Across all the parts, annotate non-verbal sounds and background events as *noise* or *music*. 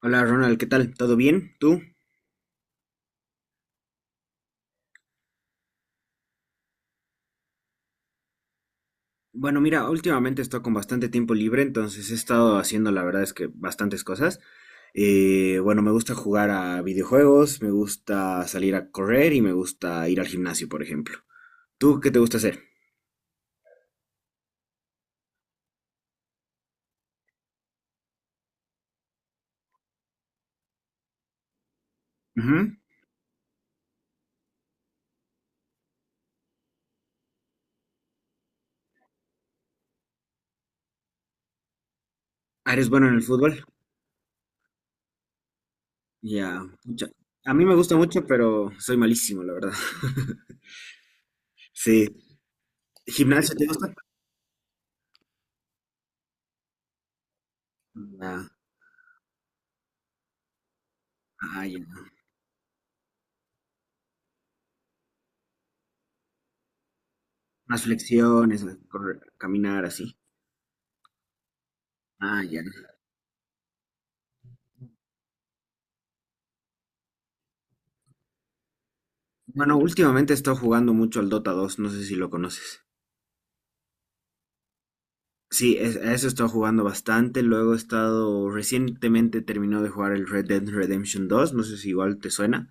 Hola Ronald, ¿qué tal? ¿Todo bien? ¿Tú? Bueno, mira, últimamente estoy con bastante tiempo libre, entonces he estado haciendo, la verdad es que bastantes cosas. Bueno, me gusta jugar a videojuegos, me gusta salir a correr y me gusta ir al gimnasio, por ejemplo. ¿Tú qué te gusta hacer? Ujú. Ah, ¿eres bueno en el fútbol? Ya, a mí me gusta mucho, pero soy malísimo, la verdad. *laughs* Sí. ¿Gimnasio te gusta? Ah, ah, ya. Más flexiones, caminar así. Ah, ya. Bueno, últimamente he estado jugando mucho al Dota 2, no sé si lo conoces. Sí, a eso he estado jugando bastante. Luego he estado, recientemente terminó de jugar el Red Dead Redemption 2, no sé si igual te suena.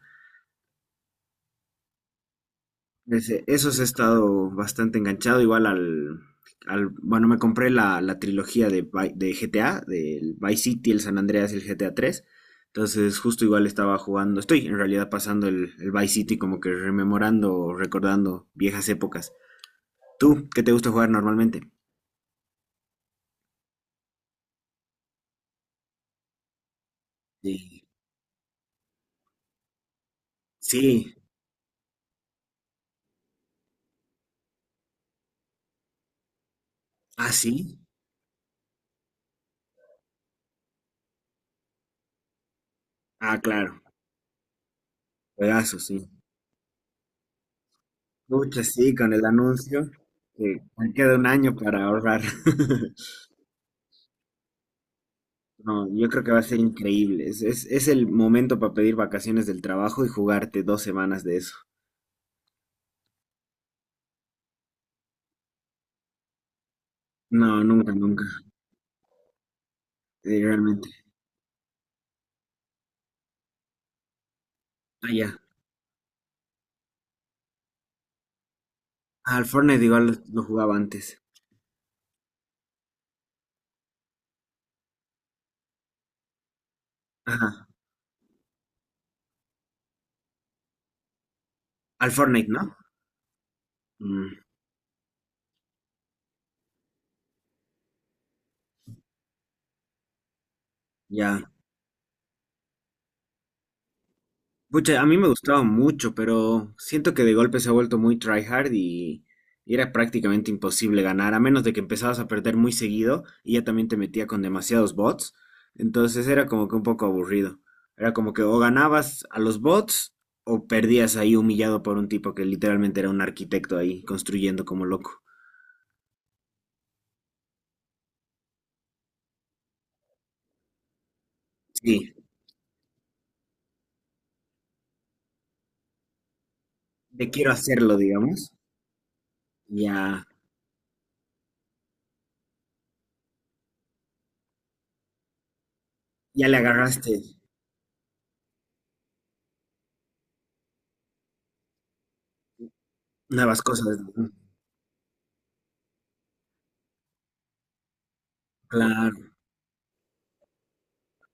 Esos he estado bastante enganchado, igual al, bueno, me compré la trilogía de GTA, del Vice City, el San Andreas y el GTA 3. Entonces, justo igual estaba jugando, estoy en realidad pasando el Vice City como que rememorando, recordando viejas épocas. ¿Tú qué te gusta jugar normalmente? Sí. Sí, ah, sí, ah, claro, juegazo, sí. Pucha, sí, con el anuncio, que me queda un año para ahorrar. *laughs* No, yo creo que va a ser increíble. Es el momento para pedir vacaciones del trabajo y jugarte 2 semanas de eso. No, nunca, nunca, realmente. Ah, ya. Ah, al Fortnite igual lo jugaba antes. Ajá, al Fortnite, ¿no? Mm, ya. Pucha, a mí me gustaba mucho, pero siento que de golpe se ha vuelto muy tryhard y era prácticamente imposible ganar, a menos de que empezabas a perder muy seguido y ya también te metía con demasiados bots. Entonces era como que un poco aburrido. Era como que o ganabas a los bots o perdías ahí humillado por un tipo que literalmente era un arquitecto ahí construyendo como loco. Sí, de quiero hacerlo, digamos. Ya, ya le agarraste nuevas cosas. ¿No? Claro,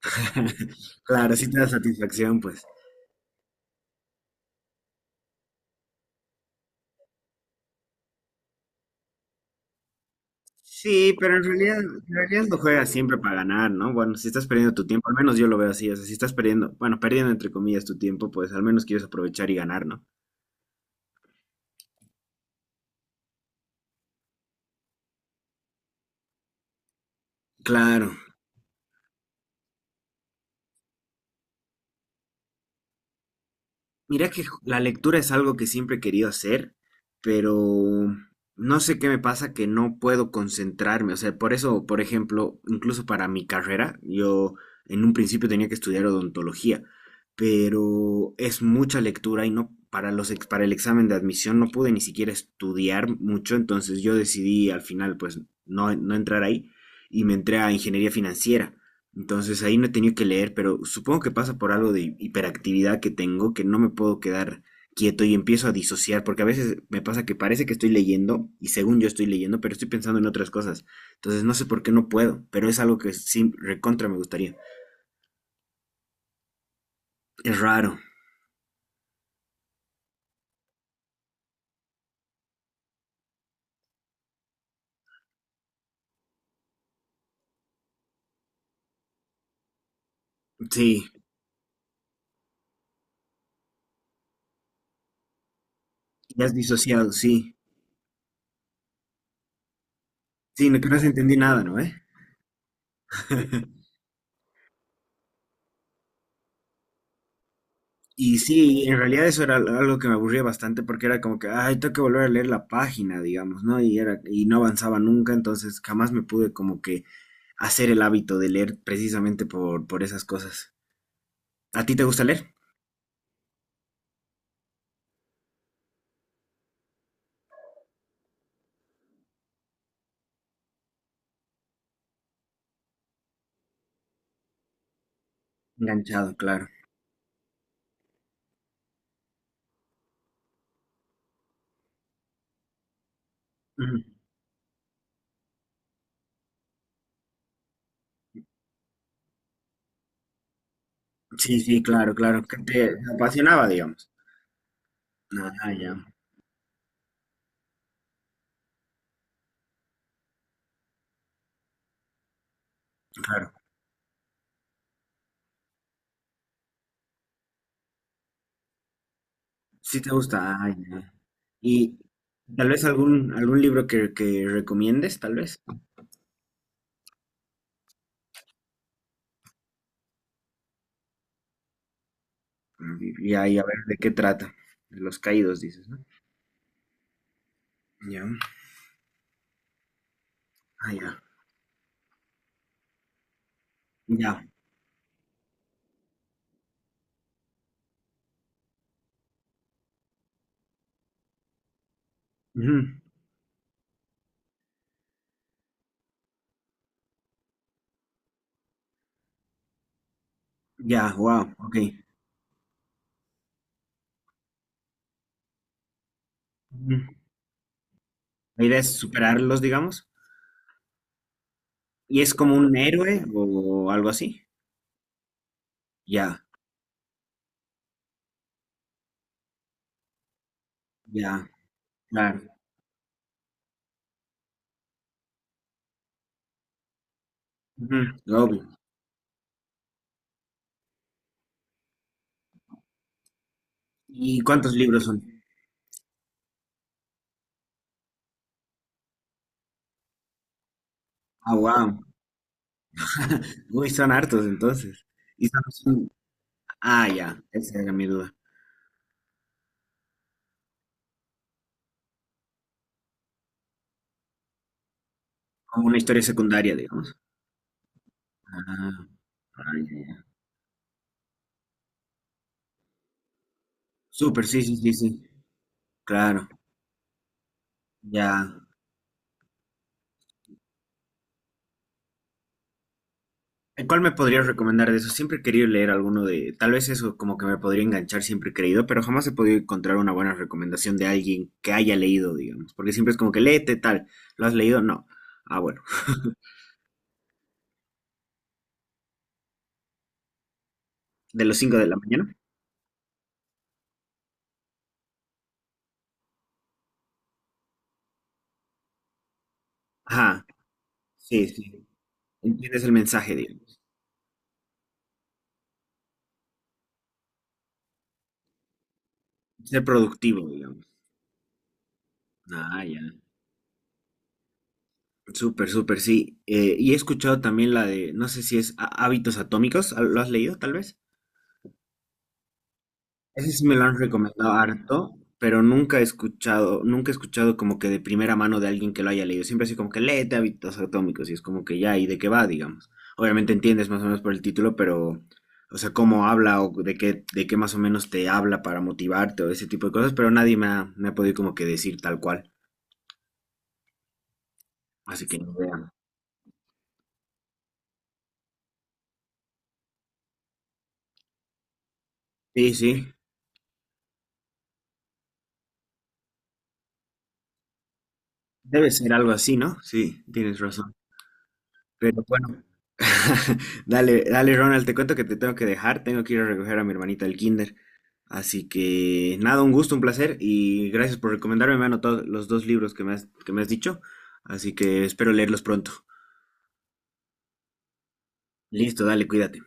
*laughs* claro, sí te da satisfacción, pues. Sí, pero en realidad no juegas siempre para ganar, ¿no? Bueno, si estás perdiendo tu tiempo, al menos yo lo veo así, o sea, si estás perdiendo, bueno, perdiendo entre comillas tu tiempo, pues al menos quieres aprovechar y ganar, ¿no? Claro. Mira que la lectura es algo que siempre he querido hacer, pero no sé qué me pasa que no puedo concentrarme. O sea, por eso, por ejemplo, incluso para mi carrera, yo en un principio tenía que estudiar odontología, pero es mucha lectura y no para el examen de admisión no pude ni siquiera estudiar mucho, entonces yo decidí al final pues no, no entrar ahí y me entré a ingeniería financiera. Entonces ahí no he tenido que leer, pero supongo que pasa por algo de hiperactividad que tengo, que no me puedo quedar quieto y empiezo a disociar, porque a veces me pasa que parece que estoy leyendo y según yo estoy leyendo, pero estoy pensando en otras cosas. Entonces no sé por qué no puedo, pero es algo que sí, recontra me gustaría. Es raro, sí, ya has disociado, sí. Sí, no, que no se entendí nada, ¿no? ¿Eh? *laughs* Y sí, en realidad eso era algo que me aburría bastante porque era como que, ay, tengo que volver a leer la página, digamos, ¿no? Y era, y no avanzaba nunca, entonces jamás me pude como que hacer el hábito de leer precisamente por esas cosas. ¿A ti te gusta leer? Enganchado, claro. Ujú. Sí, sí, claro, claro. Que te apasionaba, digamos. Ah, ya. Claro. Sí te gusta. Ah, ya. Y tal vez algún libro que recomiendes, tal vez. Mm, Y ahí a ver de qué trata. De los caídos, dices, ¿no? Ya. Ah, ya, ya, ujú, ya, wow, ok. Ujú. La idea es superarlos, digamos. ¿Y es como un héroe o algo así? Ya, ya, claro. Ujú, obvio. ¿Y cuántos libros son? Ah, wow. *laughs* Uy, son hartos entonces. Y son- son- Ah, ya, esa era mi duda. Como una historia secundaria, digamos. Ah, ah, ya, ya. Súper, sí, sí, sí, sí. Claro, ya. ¿Cuál me podrías recomendar de eso? Siempre he querido leer alguno de, tal vez eso como que me podría enganchar, siempre he creído, pero jamás he podido encontrar una buena recomendación de alguien que haya leído, digamos, porque siempre es como que léete tal, ¿lo has leído? No. Ah, bueno, *laughs* de los 5 de la mañana. Ajá, sí, sí, entiendes el mensaje, digamos, ser productivo, digamos. Ah, ya. Súper, súper, sí. Y he escuchado también la de, no sé si es Hábitos Atómicos, ¿lo has leído tal vez? Ese sí me lo han recomendado harto, pero nunca he escuchado, nunca he escuchado como que de primera mano de alguien que lo haya leído. Siempre así como que léete Hábitos Atómicos y es como que ya, ¿y de qué va, digamos? Obviamente entiendes más o menos por el título, pero, o sea, cómo habla o de qué más o menos te habla para motivarte o ese tipo de cosas, pero nadie me ha podido como que decir tal cual. Así que ni idea. Sí, sí. Debe ser algo así, ¿no? Sí, tienes razón. Pero bueno. *laughs* Dale, dale, Ronald, te cuento que te tengo que dejar, tengo que ir a recoger a mi hermanita al kinder. Así que nada, un gusto, un placer y gracias por recomendarme. Me han anotado los dos libros que me has dicho, así que espero leerlos pronto. Listo, dale, cuídate.